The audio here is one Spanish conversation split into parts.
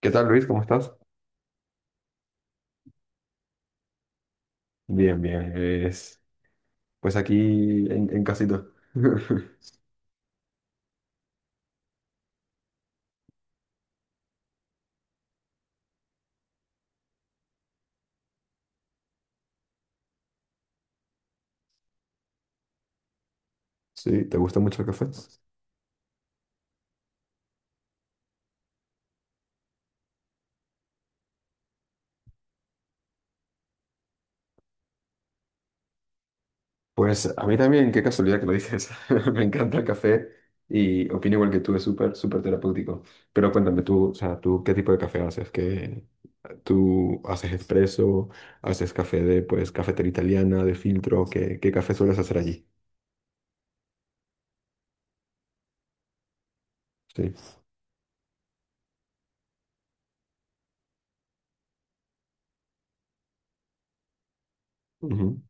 ¿Qué tal, Luis? ¿Cómo estás? Bien, bien. Pues aquí en casita. Sí, ¿te gusta mucho el café? Pues a mí también, qué casualidad que lo dices. Me encanta el café y opino igual que tú, es súper, súper terapéutico. Pero cuéntame tú, o sea, tú, ¿qué tipo de café haces? ¿Tú haces expreso? ¿Haces café de, pues, cafetera italiana, de filtro? ¿Qué café sueles hacer allí? Sí. Ujú,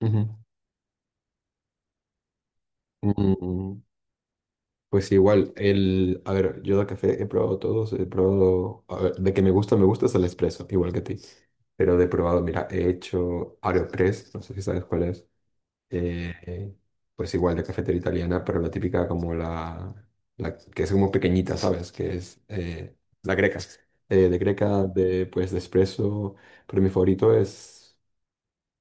ujú. Mm, Pues igual, el, a ver, yo de café he probado todos, he probado, a ver, de que me gusta es el espresso, igual que a ti. Pero he probado, mira, he hecho AeroPress, no sé si sabes cuál es. eh, pues igual de cafetera italiana, pero la típica como la que es como pequeñita, ¿sabes? Que es la greca. De greca, de, pues de espresso, pero mi favorito es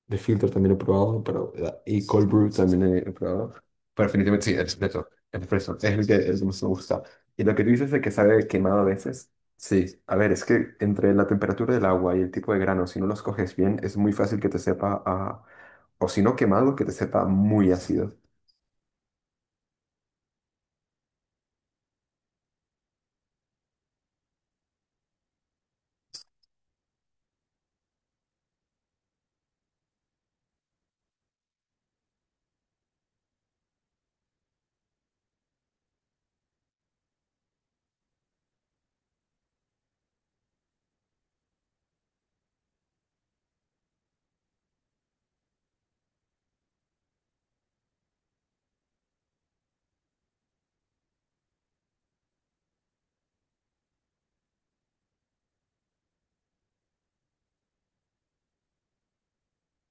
de filtro también he probado, pero y cold brew también he probado. Pero definitivamente sí, el espresso. El espresso es el que más me gusta. Y lo que tú dices de que sabe quemado a veces. Sí, a ver, es que entre la temperatura del agua y el tipo de grano, si no los coges bien, es muy fácil que te sepa a... O si no quemado, que te sepa muy ácido.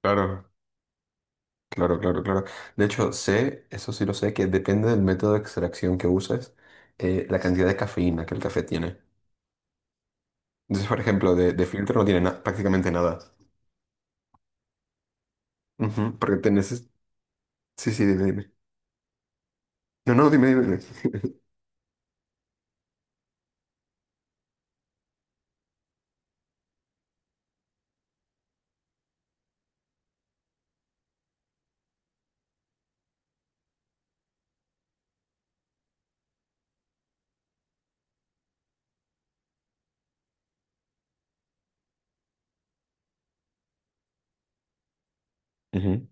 Claro, claro, claro, claro. De hecho, sé, eso sí lo sé, que depende del método de extracción que uses, la cantidad de cafeína que el café tiene. Entonces, por ejemplo, de filtro no tiene prácticamente nada. Ujú. Porque tenés... Sí, sí, dime, dime. No, no, dime, dime. Dime. Ujú.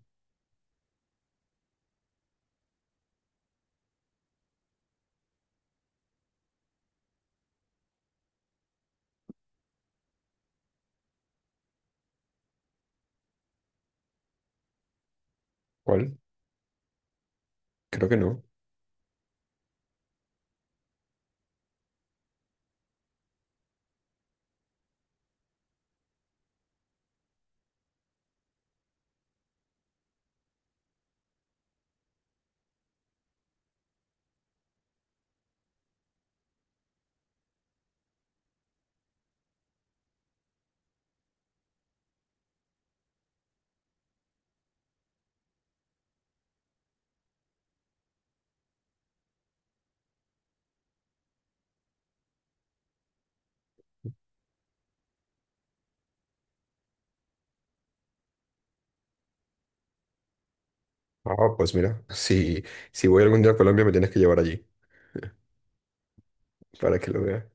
¿Cuál? Creo que no. Ah, pues mira, si, si voy algún día a Colombia me tienes que llevar allí para que lo vea.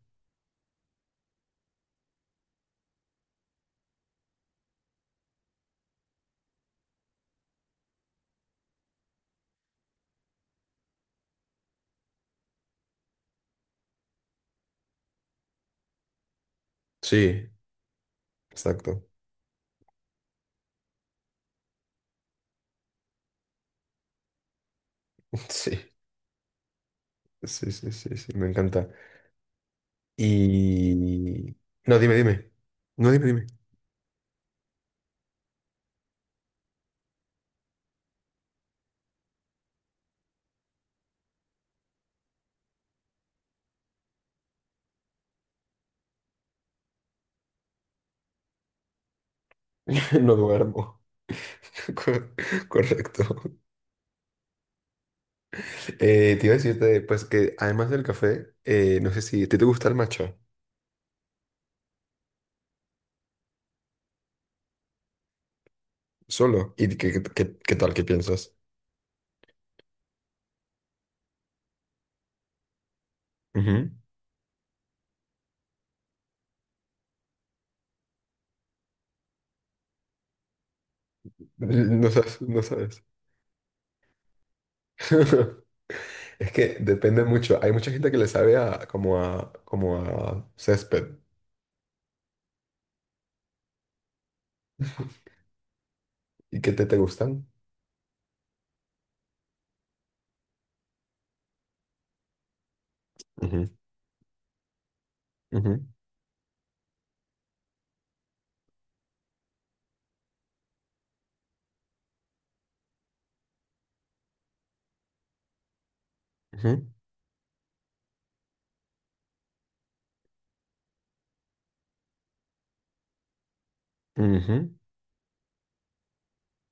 Sí, exacto. Sí, sí, sí, sí, sí, me encanta. Y... No, dime, dime. No, dime, dime. No duermo. Cor- Correcto. Te iba a decirte, pues que además del café, no sé si... ¿Te, te gusta el matcha? Solo. ¿Y qué, qué tal? ¿Qué piensas? Ujú. No sabes, no sabes. Es que depende mucho. Hay mucha gente que le sabe a como a como a césped. ¿Y qué te, te gustan? Ujú, ujú, ujú, ujú,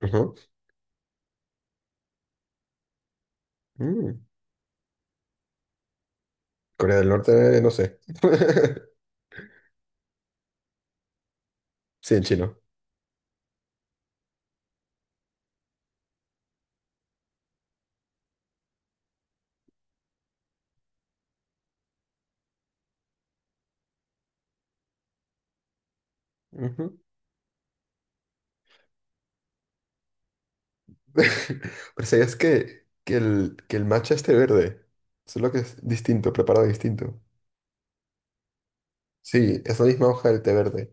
ujú. Mm. Corea del Norte, no sé. Sí, en chino. Ujú. Pero sabías que el matcha es té verde. Solo que es distinto, preparado distinto. Sí, es la misma hoja del té verde.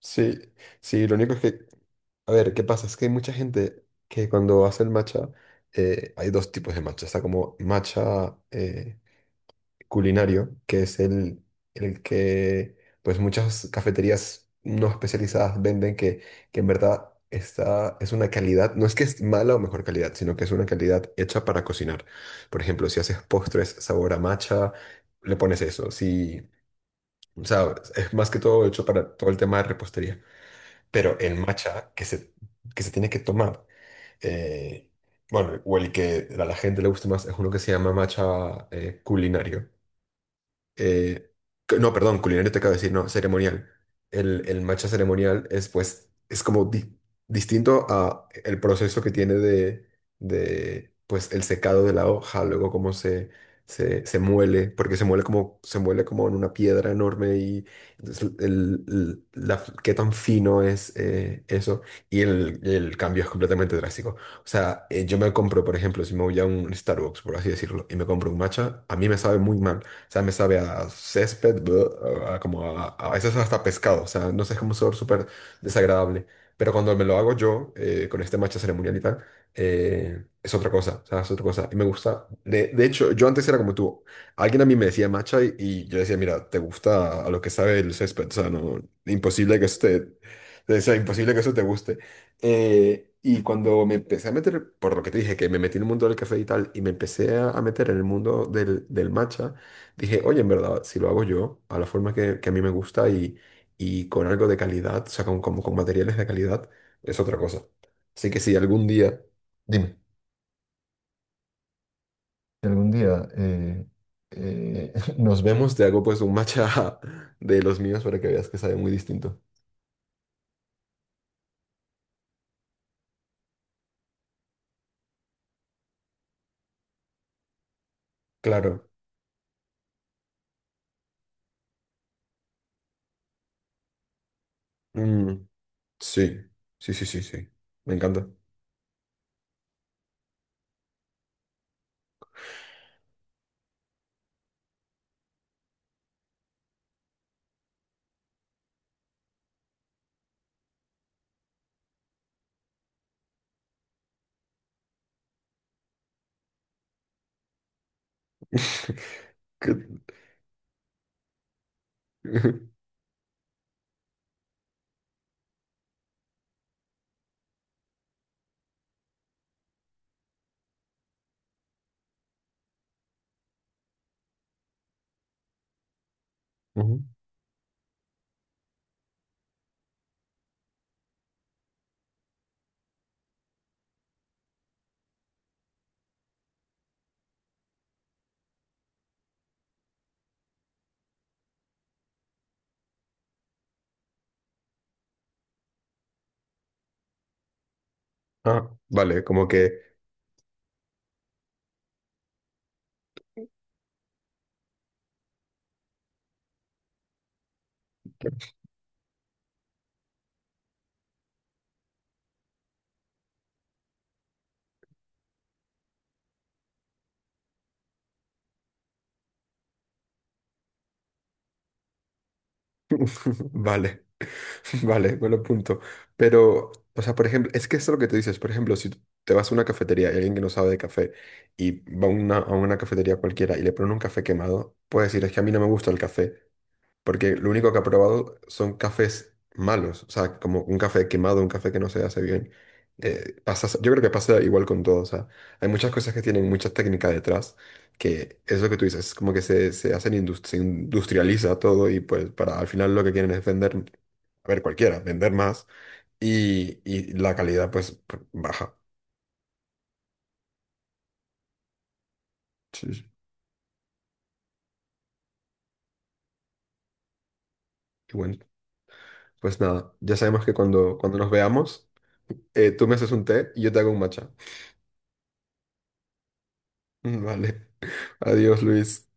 Sí, sí, lo único es que a ver, ¿qué pasa? Es que hay mucha gente que cuando hace el matcha, hay dos tipos de matcha. Está como matcha culinario, que es el que pues muchas cafeterías no especializadas venden que en verdad está, es una calidad, no es que es mala o mejor calidad, sino que es una calidad hecha para cocinar. Por ejemplo, si haces postres sabor a matcha, le pones eso. Si, o sea, es más que todo hecho para todo el tema de repostería. Pero el matcha que se tiene que tomar. Eh, bueno, o el que a la gente le guste más es uno que se llama matcha culinario, eh, no, perdón, culinario te acabo de decir, no, ceremonial. El matcha ceremonial es pues, es como distinto a el proceso que tiene de, pues, el secado de la hoja, luego cómo se, se muele, porque se muele como en una piedra enorme y entonces el, qué tan fino es eso y el cambio es completamente drástico. O sea, yo me compro, por ejemplo, si me voy a un Starbucks, por así decirlo, y me compro un matcha, a mí me sabe muy mal sea, me sabe a césped, bleh, a como a veces hasta pescado, o sea, no sé, es como un sabor súper desagradable. Pero cuando me lo hago yo, con este matcha ceremonial y tal, es otra cosa, o sea, es otra cosa. Y me gusta, de hecho, yo antes era como tú, alguien a mí me decía matcha y yo decía, mira, te gusta a lo que sabe el césped, o sea, no, imposible que esté... O sea, imposible que eso te guste. Y cuando me empecé a meter, por lo que te dije, que me metí en el mundo del café y tal, y me empecé a meter en el mundo del, del matcha, dije, oye, en verdad, si lo hago yo, a la forma que a mí me gusta y con algo de calidad, o sea, con, como con materiales de calidad, es otra cosa. Así que si algún día, dime, si algún día eh, nos vemos, te hago pues un matcha de los míos para que veas que sabe muy distinto. Claro. Mm, sí, sí, sí, sí, sí. Me encanta. Que- Ujú. Ah, vale, como que, vale. Vale, buen punto. Pero, o sea, por ejemplo, es que eso es lo que tú dices. Por ejemplo, si te vas a una cafetería y hay alguien que no sabe de café y va a una cafetería cualquiera y le ponen un café quemado, puede decir, es que a mí no me gusta el café. Porque lo único que ha probado son cafés malos, o sea, como un café quemado, un café que no se hace bien. Yo creo que pasa igual con todo, o sea, hay muchas cosas que tienen mucha técnica detrás, que es lo que tú dices, como que se hacen se industrializa todo y pues para al final lo que quieren es vender, a ver, cualquiera, vender más y la calidad pues baja. Sí, sí. Y bueno, pues nada, ya sabemos que cuando, cuando nos veamos, tú me haces un té y yo te hago un matcha. Vale, adiós Luis.